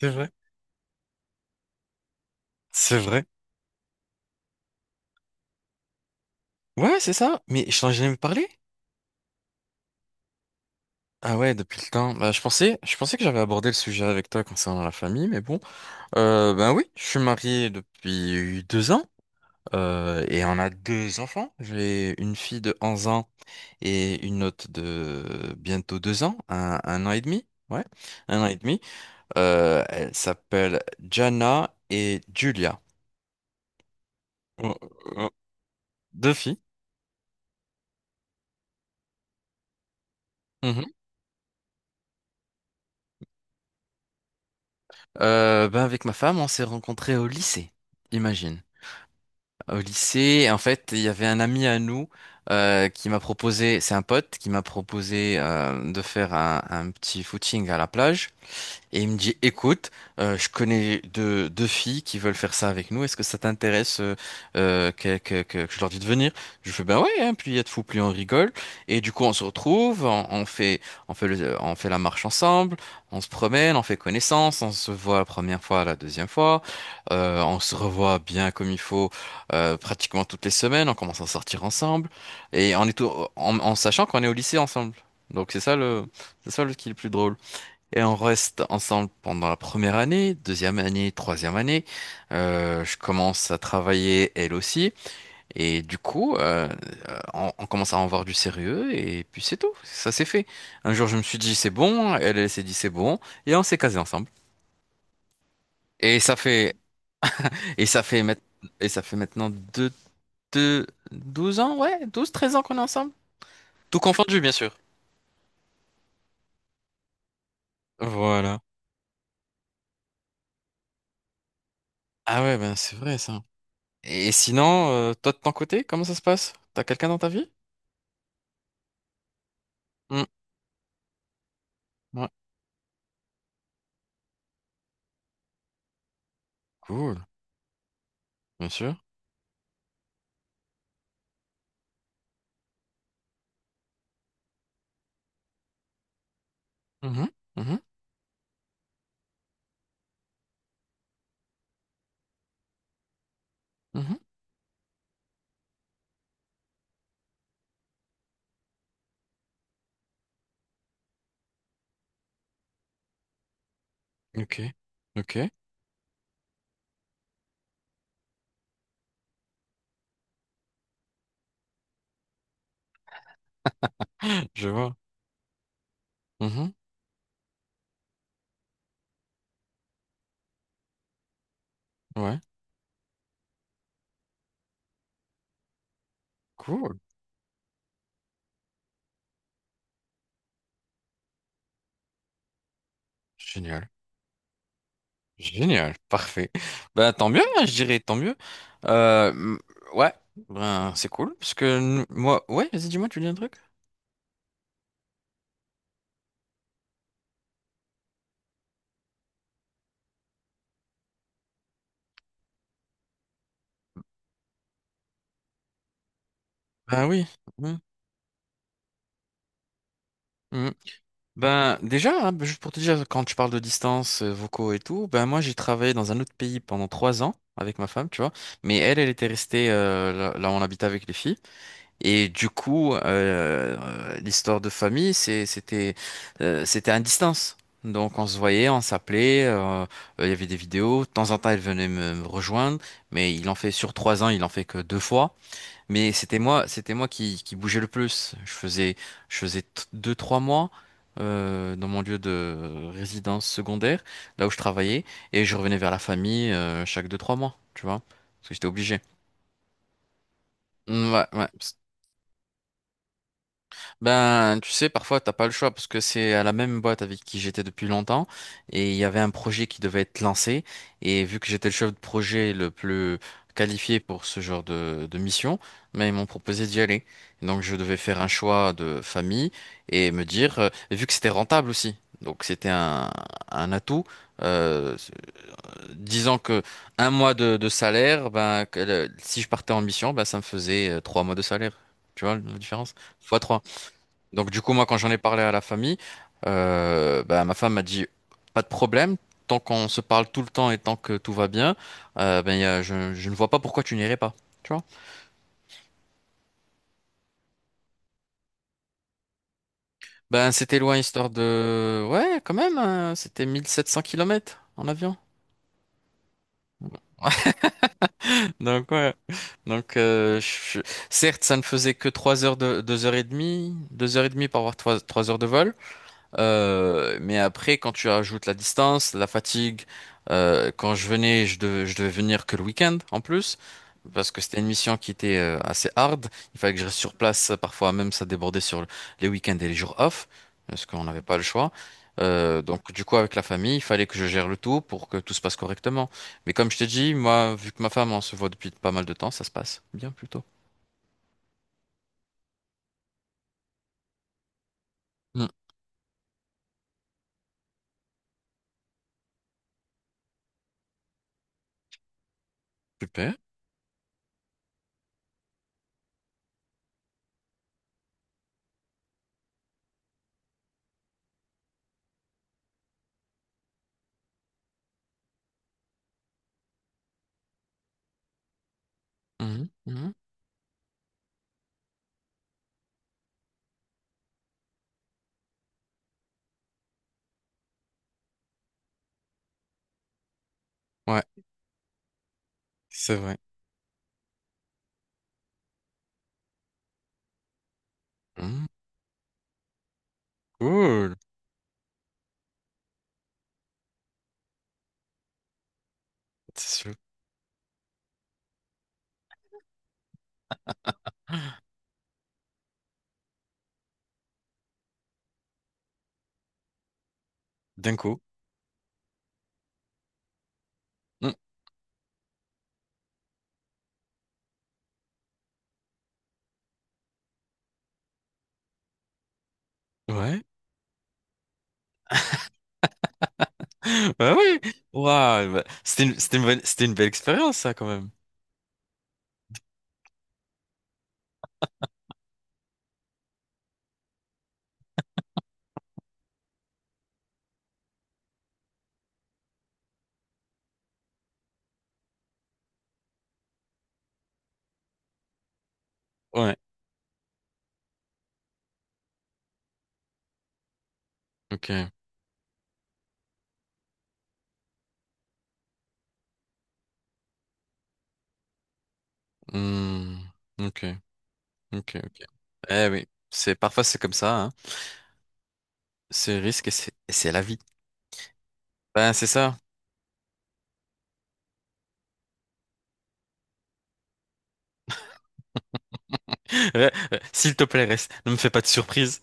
C'est vrai. C'est vrai. Ouais, c'est ça. Mais je t'en ai jamais parlé? Ah ouais, depuis le temps. Bah, je pensais que j'avais abordé le sujet avec toi concernant la famille, mais bon. Ben oui, je suis marié depuis 2 ans. Et on a deux enfants. J'ai une fille de 11 ans et une autre de bientôt 2 ans, un an et demi. Ouais, un an et demi. Elles s'appellent Jana et Julia. Oh, oh. Deux filles. Ben avec ma femme, on s'est rencontrés au lycée, imagine. Au lycée, en fait, il y avait un ami à nous qui m'a proposé, c'est un pote qui m'a proposé de faire un petit footing à la plage. Et il me dit, écoute, je connais deux filles qui veulent faire ça avec nous. Est-ce que ça t'intéresse que je leur dis de venir? Je fais, ben ouais, hein, plus il y a de fous, plus on rigole. Et du coup, on se retrouve, on fait, on fait la marche ensemble, on se promène, on fait connaissance, on se voit la première fois, la deuxième fois, on se revoit bien comme il faut pratiquement toutes les semaines, on commence à sortir ensemble et en sachant qu'on est au lycée ensemble. Donc c'est ça le qui est le plus drôle. Et on reste ensemble pendant la première année, deuxième année, troisième année. Je commence à travailler elle aussi. Et du coup, on commence à en voir du sérieux. Et puis c'est tout, ça s'est fait. Un jour, je me suis dit c'est bon. Elle, elle s'est dit c'est bon. Et on s'est casé ensemble. Et ça fait, et ça fait, mait- et ça fait maintenant deux, 12 ans, ouais, 12 13 ans qu'on est ensemble. Tout confondu, bien sûr. Voilà. Ah ouais, ben c'est vrai ça. Et sinon, toi de ton côté, comment ça se passe? T'as quelqu'un dans ta vie? Ouais, cool, bien sûr. Mhm, mhm, mhm. Ok, ok, je vois. Mhm, ouais, cool, génial, génial, parfait. Ben tant mieux, hein, je dirais, tant mieux. Euh, m- ouais, ben c'est cool, parce que moi, ouais, vas-y, dis-moi, tu dis un truc? Ben oui. Mhm, mhm. Ben déjà, hein, ben, juste pour te dire, quand tu parles de distance, vocaux et tout, ben moi j'ai travaillé dans un autre pays pendant 3 ans avec ma femme, tu vois. Mais elle, elle était restée là où on habitait avec les filles. Et du coup, l'histoire de famille, c'était à distance. Donc on se voyait, on s'appelait, il y avait des vidéos. De temps en temps, elle venait me rejoindre, mais il en fait sur 3 ans, il en fait que deux fois. Mais c'était moi qui bougeais le plus. Deux trois mois dans mon lieu de résidence secondaire, là où je travaillais, et je revenais vers la famille chaque deux trois mois, tu vois, parce que j'étais obligé. Ouais, ouais. Ben, tu sais, parfois, t'as pas le choix parce que c'est à la même boîte avec qui j'étais depuis longtemps et il y avait un projet qui devait être lancé et vu que j'étais le chef de projet le plus qualifié pour ce genre de mission, mais ils m'ont proposé d'y aller. Donc, je devais faire un choix de famille et me dire, et vu que c'était rentable aussi, donc c'était un atout, euh, disons que un mois de salaire, ben, si je partais en mission, ben, ça me faisait 3 mois de salaire. Tu vois la différence? X donc du coup, moi, quand j'en ai parlé à la famille, bah, ma femme m'a dit, pas de problème, tant qu'on se parle tout le temps et tant que tout va bien, ben, je ne vois pas pourquoi tu n'irais pas. Tu vois? Ben, c'était loin, ouais, quand même, hein, c'était 1700 kilomètres en avion. Donc ouais. Donc certes, ça ne faisait que 3 heures de 2 heures et demie, 2 heures et demie par avoir trois heures de vol. Mais après, quand tu ajoutes la distance, la fatigue, quand je venais, je devais venir que le week-end en plus, parce que c'était une mission qui était assez hard. Il fallait que je reste sur place. Parfois même, ça débordait sur les week-ends et les jours off, parce qu'on n'avait pas le choix. Donc du coup, avec la famille, il fallait que je gère le tout pour que tout se passe correctement. Mais comme je t'ai dit, moi, vu que ma femme, on se voit depuis pas mal de temps, ça se passe bien plutôt. Mm. Super. Mhm, mhm. Ouais, c'est vrai. Mm. Cool. C'est sûr. D'un coup. Mm. Ouais. Bah oui. Waouh. Bah, c'était une belle expérience, ça, quand même. Ouais. Ok. Hmm. Ok. Ok. Ok. Eh oui. Parfois, c'est comme ça, hein. C'est risque et c'est la vie. Ben, c'est ça. S'il te plaît, reste. Ne me fais pas de surprise.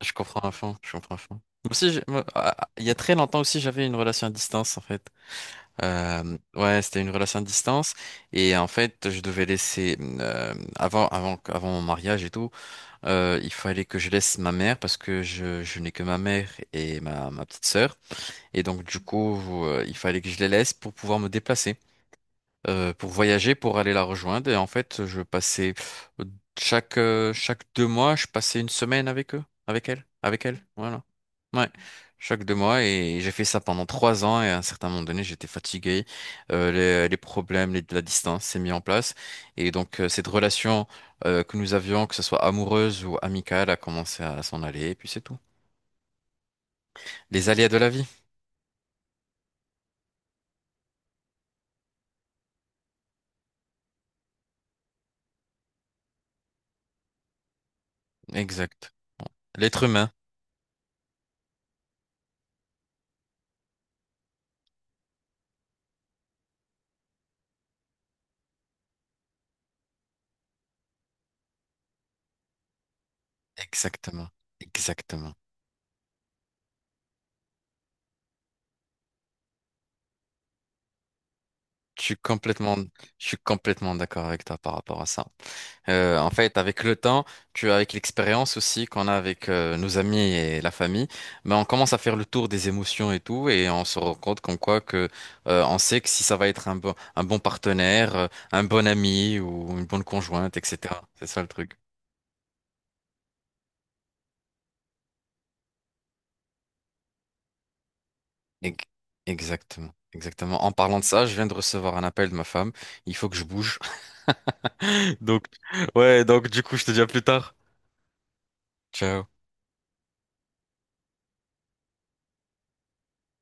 Je comprends à fond. Je comprends à fond. Moi aussi, moi, ah, ah, il y a très longtemps aussi, j'avais une relation à distance, en fait. Ouais, c'était une relation à distance. Et en fait, je devais laisser, avant mon mariage et tout. Il fallait que je laisse ma mère parce que je n'ai que ma mère et ma petite sœur. Et donc, du coup, il fallait que je les laisse pour pouvoir me déplacer pour voyager, pour aller la rejoindre. Et en fait, je passais euh, chaque deux mois, je passais une semaine avec eux, avec elle, avec elle. Voilà. Ouais. Chaque deux mois et j'ai fait ça pendant 3 ans et à un certain moment donné j'étais fatigué. Les, problèmes, la distance s'est mis en place et donc cette relation que nous avions, que ce soit amoureuse ou amicale, a commencé à s'en aller et puis c'est tout. Les aléas de la vie, exact. L'être humain, exactement, exactement. Je suis complètement, je suis complètement d'accord avec toi par rapport à ça. En fait, avec le temps, tu avec l'expérience aussi qu'on a avec nos amis et la famille, mais on commence à faire le tour des émotions et tout, et on se rend compte comme quoi que on sait que si ça va être un bon, partenaire, un bon ami ou une bonne conjointe, etc. C'est ça le truc. Ec- Exactement, exactement. En parlant de ça, je viens de recevoir un appel de ma femme. Il faut que je bouge. Donc, ouais, donc du coup, je te dis à plus tard. Ciao.